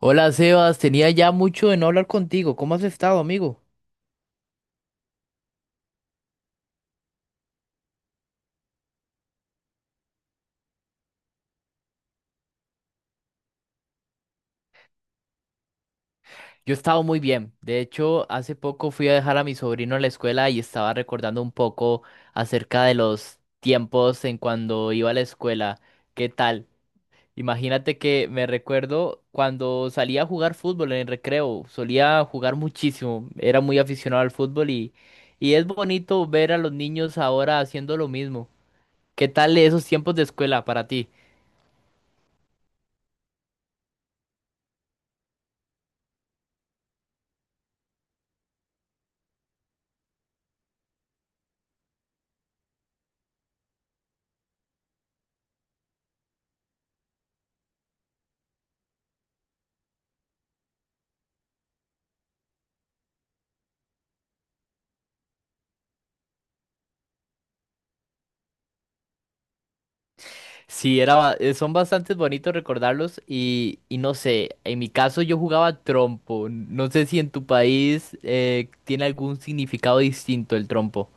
Hola Sebas, tenía ya mucho de no hablar contigo. ¿Cómo has estado, amigo? Yo he estado muy bien. De hecho, hace poco fui a dejar a mi sobrino a la escuela y estaba recordando un poco acerca de los tiempos en cuando iba a la escuela. ¿Qué tal? Imagínate que me recuerdo cuando salía a jugar fútbol en el recreo. Solía jugar muchísimo. Era muy aficionado al fútbol y es bonito ver a los niños ahora haciendo lo mismo. ¿Qué tal esos tiempos de escuela para ti? Sí, son bastante bonitos recordarlos y no sé, en mi caso yo jugaba trompo. No sé si en tu país tiene algún significado distinto el trompo.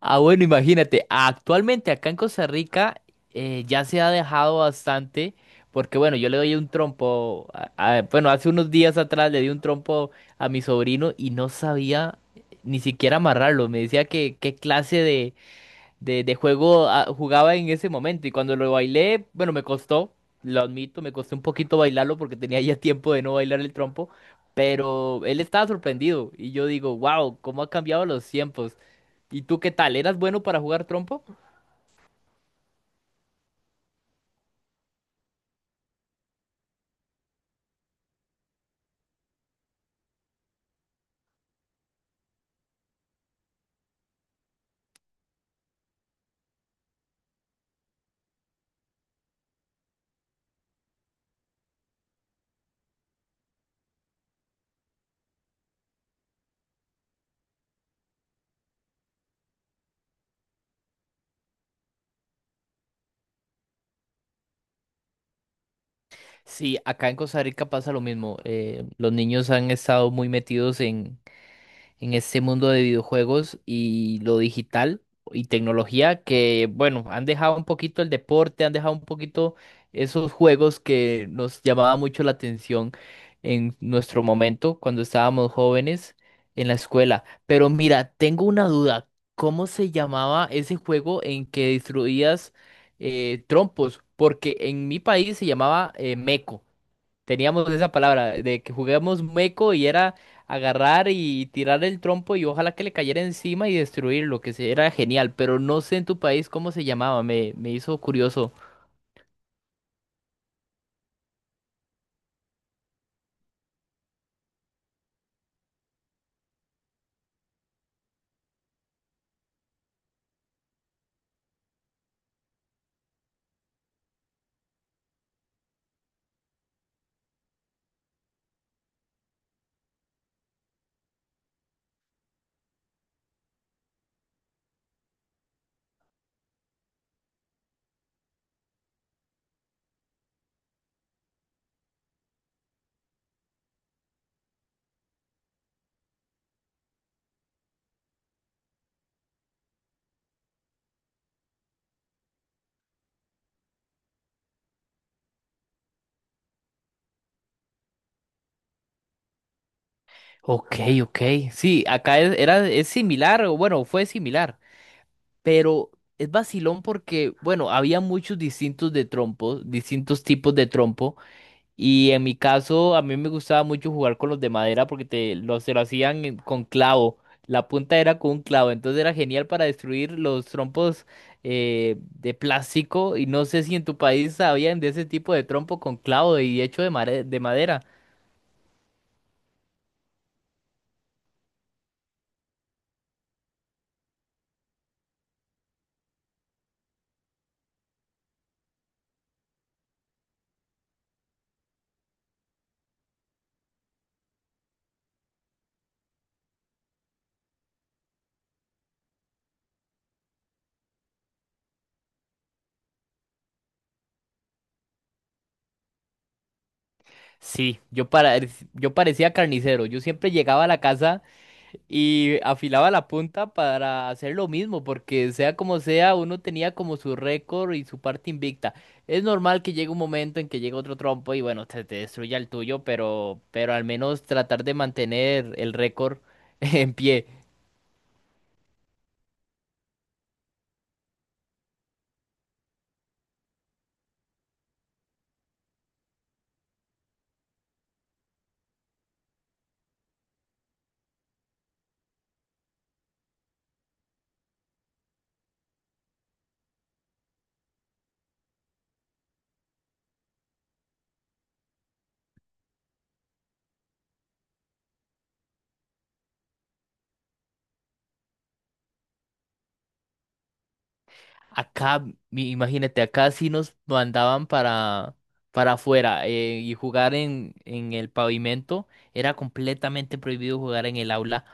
Ah, bueno, imagínate, actualmente acá en Costa Rica ya se ha dejado bastante porque bueno, yo le doy un trompo, bueno, hace unos días atrás le di un trompo a mi sobrino y no sabía ni siquiera amarrarlo. Me decía que qué clase de juego ah, jugaba en ese momento y cuando lo bailé, bueno, me costó, lo admito, me costó un poquito bailarlo porque tenía ya tiempo de no bailar el trompo, pero él estaba sorprendido y yo digo, wow, cómo ha cambiado los tiempos. ¿Y tú qué tal? ¿Eras bueno para jugar trompo? Sí, acá en Costa Rica pasa lo mismo. Los niños han estado muy metidos en este mundo de videojuegos y lo digital y tecnología que, bueno, han dejado un poquito el deporte, han dejado un poquito esos juegos que nos llamaba mucho la atención en nuestro momento cuando estábamos jóvenes en la escuela. Pero mira, tengo una duda. ¿Cómo se llamaba ese juego en que destruías trompos? Porque en mi país se llamaba Meco. Teníamos esa palabra de que juguemos meco y era agarrar y tirar el trompo y ojalá que le cayera encima y destruirlo, era genial, pero no sé en tu país cómo se llamaba, me hizo curioso. Ok, ok, sí, es similar, o bueno, fue similar, pero es vacilón porque, bueno, había muchos distintos de trompos, distintos tipos de trompo. Y en mi caso, a mí me gustaba mucho jugar con los de madera porque se lo hacían con clavo. La punta era con un clavo, entonces era genial para destruir los trompos de plástico. Y no sé si en tu país sabían de ese tipo de trompo con clavo y hecho de, de madera. Sí, yo parecía carnicero. Yo siempre llegaba a la casa. Y afilaba la punta para hacer lo mismo, porque sea como sea, uno tenía como su récord y su parte invicta. Es normal que llegue un momento en que llegue otro trompo y bueno, te destruya el tuyo, pero al menos tratar de mantener el récord en pie. Acá, imagínate, acá sí nos mandaban para afuera y jugar en el pavimento. Era completamente prohibido jugar en el aula.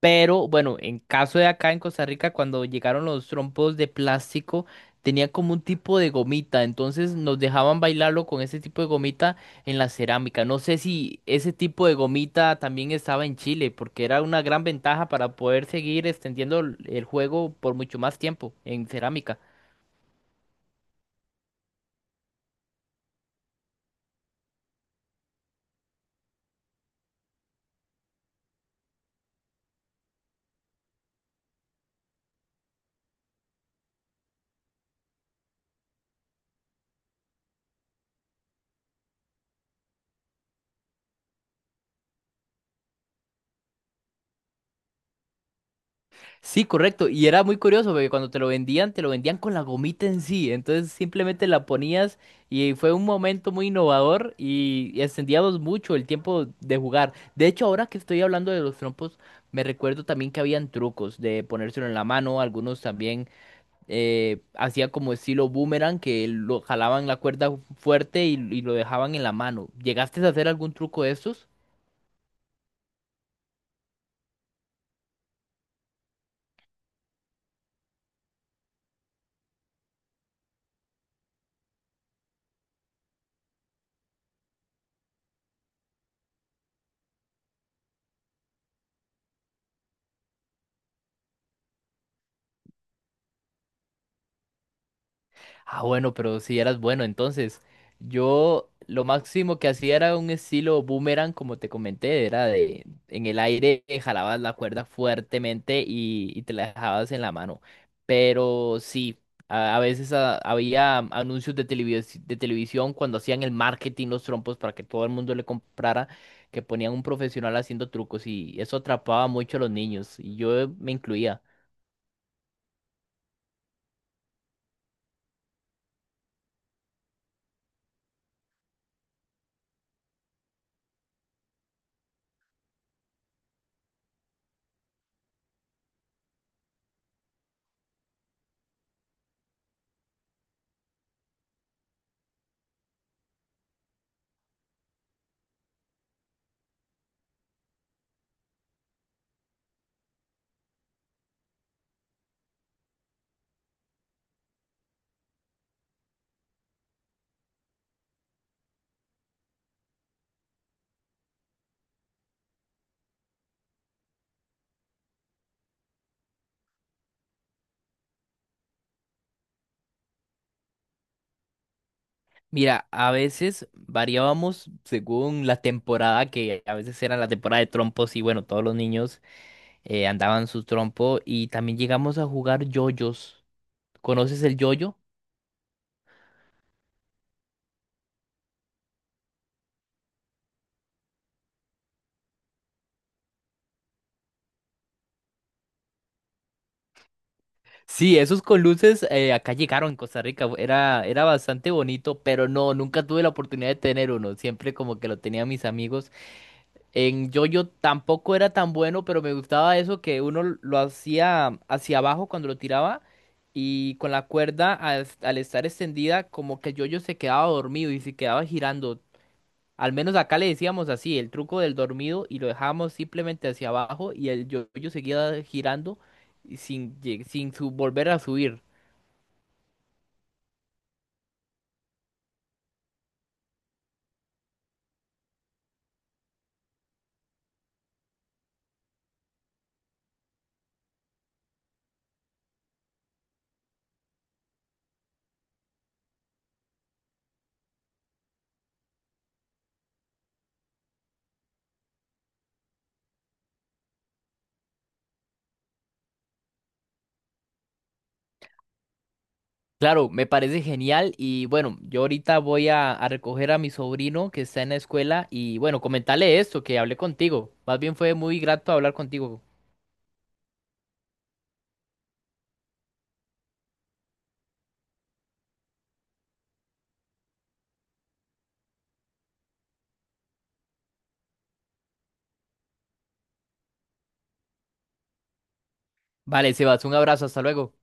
Pero bueno, en caso de acá en Costa Rica, cuando llegaron los trompos de plástico, tenía como un tipo de gomita, entonces nos dejaban bailarlo con ese tipo de gomita en la cerámica. No sé si ese tipo de gomita también estaba en Chile, porque era una gran ventaja para poder seguir extendiendo el juego por mucho más tiempo en cerámica. Sí, correcto. Y era muy curioso porque cuando te lo vendían con la gomita en sí. Entonces simplemente la ponías y fue un momento muy innovador y extendíamos mucho el tiempo de jugar. De hecho, ahora que estoy hablando de los trompos, me recuerdo también que habían trucos de ponérselo en la mano. Algunos también hacían como estilo boomerang que lo jalaban la cuerda fuerte y lo dejaban en la mano. ¿Llegaste a hacer algún truco de estos? Ah, bueno, pero si eras bueno, entonces yo lo máximo que hacía era un estilo boomerang, como te comenté, era de en el aire jalabas la cuerda fuertemente y te la dejabas en la mano. Pero sí, a veces ah, había anuncios de de televisión cuando hacían el marketing, los trompos, para que todo el mundo le comprara, que ponían un profesional haciendo trucos y eso atrapaba mucho a los niños y yo me incluía. Mira, a veces variábamos según la temporada, que a veces era la temporada de trompos y bueno, todos los niños andaban su trompo y también llegamos a jugar yoyos. ¿Conoces el yoyo? Sí, esos con luces acá llegaron en Costa Rica, era bastante bonito, pero no, nunca tuve la oportunidad de tener uno, siempre como que lo tenían mis amigos. En yo tampoco era tan bueno, pero me gustaba eso que uno lo hacía hacia abajo cuando lo tiraba y con la cuerda al estar extendida como que el yo se quedaba dormido y se quedaba girando. Al menos acá le decíamos así, el truco del dormido y lo dejábamos simplemente hacia abajo y el yo seguía girando y sin, lleg- sin su- volver a subir. Claro, me parece genial y bueno, yo ahorita voy a recoger a mi sobrino que está en la escuela y bueno, comentarle esto, que hablé contigo. Más bien fue muy grato hablar contigo. Vale, Sebas, un abrazo, hasta luego.